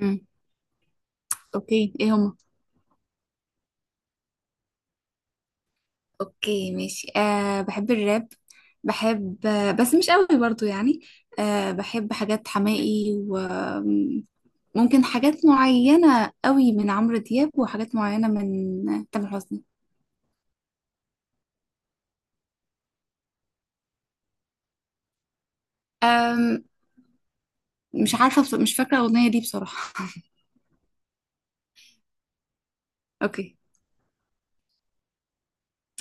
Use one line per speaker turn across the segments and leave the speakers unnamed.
امم. اوكي، ايه هما؟ اوكي، ماشي. بحب الراب. بحب، بس مش قوي برضو يعني. بحب حاجات حماقي، وممكن حاجات معينة قوي من عمرو دياب، وحاجات معينة من تامر حسني. أم مش عارفة، مش فاكرة الأغنية دي بصراحة. اوكي.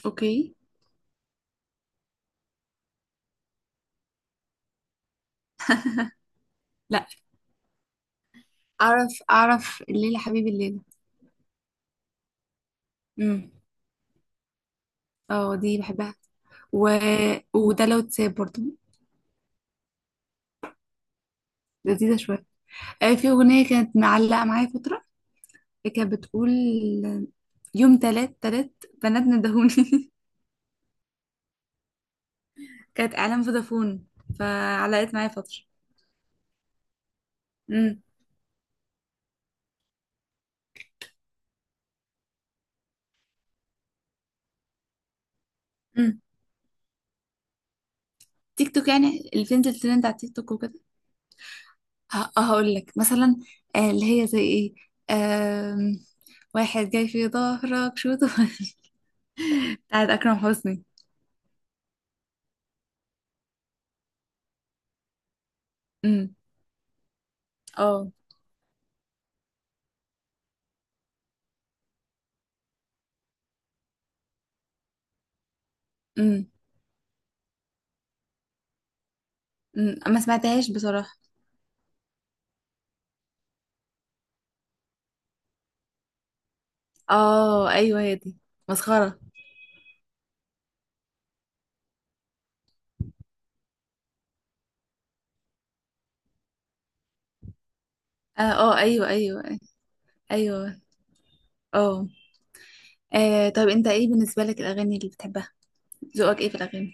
اوكي. لا، أعرف أعرف الليلة حبيبي الليلة. امم. اه، دي بحبها. و... وده لو تساب برضو. لذيذة شوية. في أغنية كانت معلقة معايا فترة، كانت بتقول، يوم تلات تلات بنات ندهوني. كانت اعلان فودافون. فعلقت معايا فتره. امم. امم. تيك توك، يعني اللي بتنزل ترند على تيك توك وكده. هقول لك مثلا، اللي هي زي ايه؟ آم، واحد جاي في ظهرك شو طول. بتاعت اكرم حسني. امم. اه. امم. امم، ما سمعتهاش بصراحه. اه، ايوه هي دي. مسخره. اه. آه، ايوه ايوه. ايوه. اه. طب انت ايه بالنسبه لك الاغاني اللي بتحبها؟ ذوقك ايه في الاغاني؟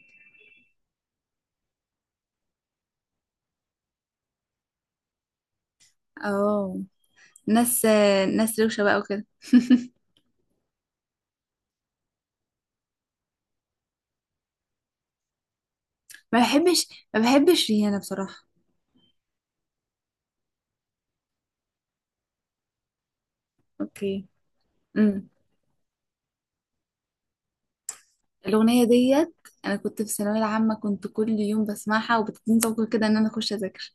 اه. ناس ناس روشه بقى وكده. ما بحبش، ما بحبش ريانة بصراحه. اوكي. امم. الاغنيه ديت، انا كنت في الثانويه العامه، كنت كل يوم بسمعها وبتديني طاقه كده ان انا اخش اذاكر.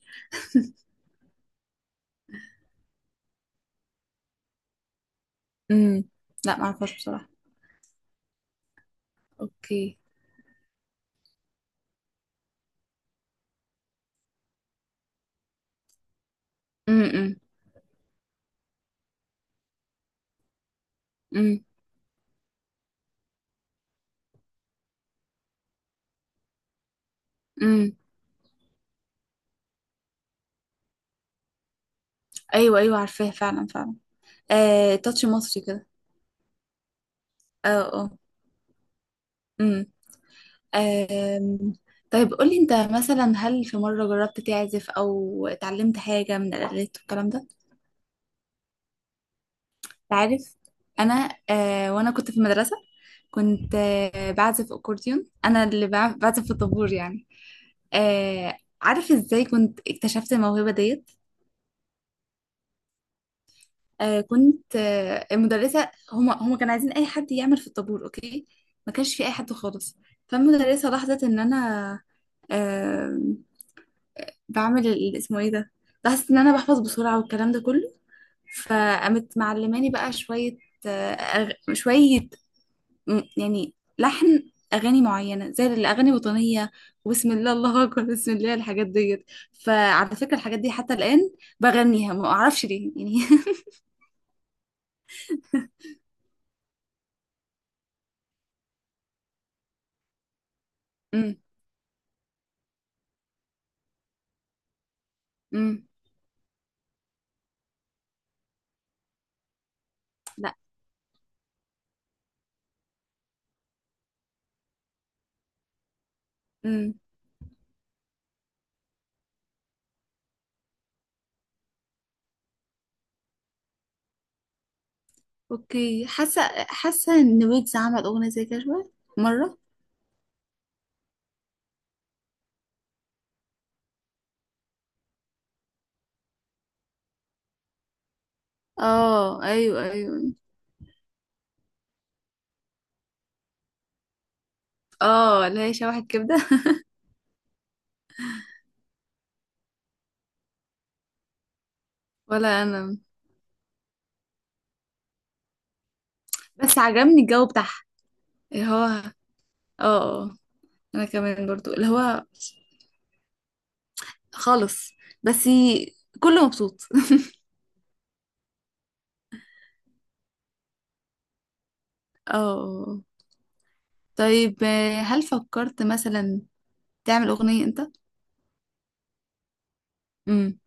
امم. لا، ما اعرفهاش بصراحه. اوكي. امم. امم. امم. ايوه ايوه، عارفاها فعلا فعلا. آه، تاتش مصري كده. اه اه. امم. آم، طيب، قولي، انت مثلا هل في مره جربت تعزف او اتعلمت حاجه من الالات والكلام ده؟ تعرف؟ انا وانا كنت في المدرسه، كنت بعزف اكورديون، انا اللي بعزف في الطابور يعني. آه. عارف ازاي كنت اكتشفت الموهبه ديت؟ كنت المدرسه هما كانوا عايزين اي حد يعمل في الطابور، اوكي. ما كانش في اي حد خالص. فالمدرسه لاحظت ان انا آه بعمل اسمه ايه ده، لاحظت ان انا بحفظ بسرعه والكلام ده كله. فقامت معلماني بقى شوية، آه، شوية، يعني لحن اغاني معينه زي الاغاني الوطنيه، وبسم الله، الله اكبر، بسم الله، الحاجات ديت. فعلى فكره، الحاجات دي حتى الان بغنيها، ما اعرفش ليه يعني. امم. امم. لا. امم. اوكي، حاسه ان ويجز عمل اغنيه زي كده شويه. مره. اه، ايوه ايوه. اه، اللي هي شبح الكبده. ولا انا. بس عجبني الجو بتاعها، اللي هو، اه، آه، انا كمان برضو، اللي هو، خالص. بس كله مبسوط. اه. آه. طيب، هل فكرت مثلا تعمل أغنية أنت؟ امم.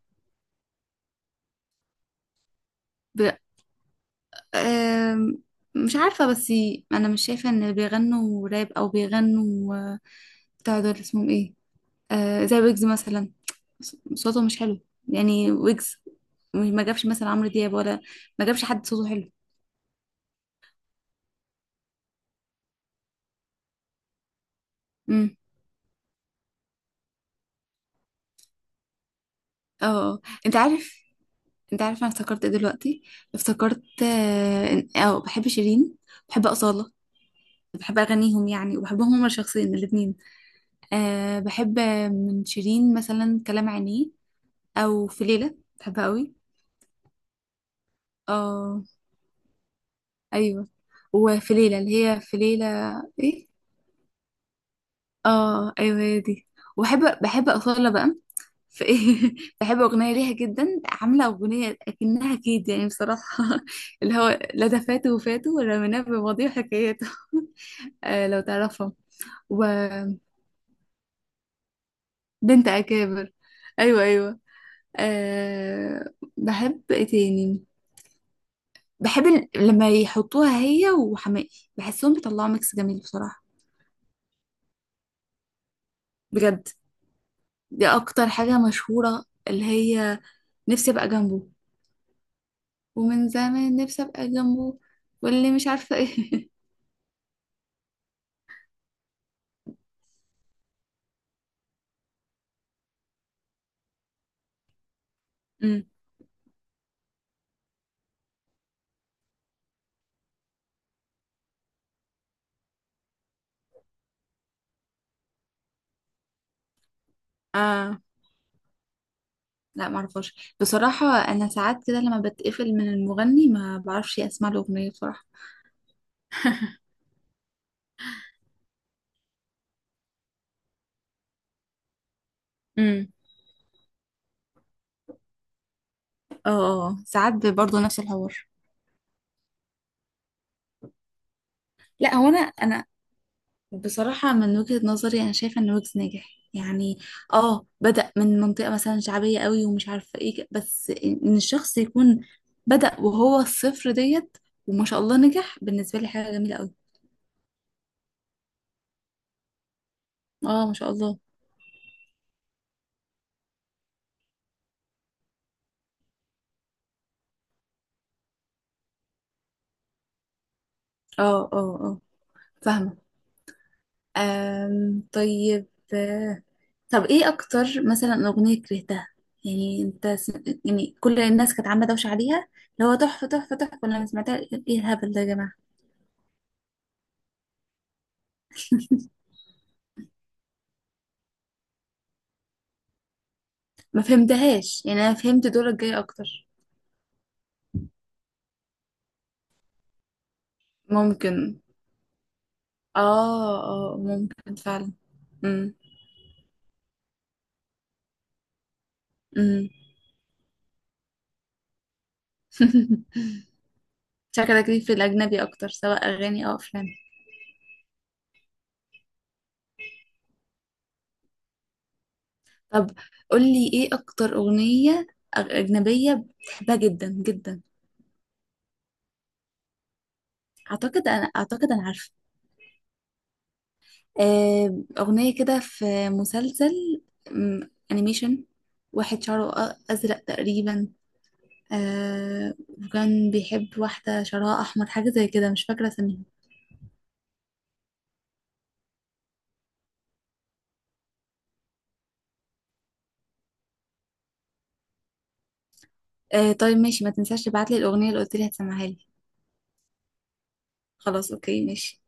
ب... آم، مش عارفة، بس أنا مش شايفة إن اللي بيغنوا راب أو بيغنوا، بتاع دول اسمهم إيه؟ زي ويجز مثلا، صوته مش حلو، يعني ويجز ما جابش مثلا عمرو دياب، ولا ما جابش حد صوته حلو. امم. اه. آه. انت عارف انت عارف انا افتكرت ايه دلوقتي؟ افتكرت، بحب شيرين، بحب أصالة، بحب اغانيهم يعني، وبحبهم هما شخصيا الاتنين. بحب من شيرين مثلا كلام عينيه، او في ليلة بحبها قوي. اه، ايوه. وفي ليلة اللي هي في ليلة، ايه؟ اه، ايوه هي دي. وبحب بحب أصالة بقى. في ايه؟ بحب أغنية ليها جدا، عاملة أغنية أكنها كيد يعني بصراحة. اللي هو لا ده فاته وفاته ولا مناه بماضيه وحكاياته. آه، لو تعرفها. وبنت أكابر. أيوه أيوه. آه، بحب ايه تاني؟ بحب لما يحطوها هي وحماقي بحسهم بيطلعوا ميكس جميل بصراحة. بجد. دي اكتر حاجة مشهورة، اللي هي نفسي ابقى جنبه، ومن زمان نفسي ابقى جنبه، واللي مش عارفة ايه. أمم. اه. لا، معرفهاش بصراحة. انا ساعات كده لما بتقفل من المغني، ما بعرفش اسمع له اغنية بصراحة. امم. اه. ساعات برضه نفس الحوار. لا، هو انا بصراحة من وجهة نظري، أنا شايفة إن ويجز ناجح يعني. اه، بدأ من منطقة مثلا شعبية قوي ومش عارفة ايه، بس إن الشخص يكون بدأ وهو الصفر ديت، وما شاء الله نجح. بالنسبة لي حاجة جميلة قوي. اه، ما شاء الله. اه اه اه. فاهمة. طيب، آه، طب ايه أكتر مثلا أغنية كرهتها؟ يعني انت يعني كل الناس كانت عاملة دوشة عليها، اللي هو تحفة تحفة تحفة، لما سمعتها ايه الهبل ده يا جماعة؟ ما فهمتهاش يعني، انا فهمت دورك جاي اكتر. ممكن. اه اه، ممكن فعلا. امم. امم. شكلك ليك في الاجنبي اكتر، سواء اغاني او افلام. طب، قولي ايه اكتر اغنية اجنبية بتحبها جدا جدا؟ اعتقد انا عارفة. اغنية كده في مسلسل، انيميشن، واحد شعره ازرق تقريبا، وكان بيحب واحدة شعرها أحمر حاجة زي كده، مش فاكرة اسمها. آه، طيب ماشي، ما تنساش تبعت لي الأغنية اللي قلت لي هتسمعها لي. خلاص، أوكي، ماشي.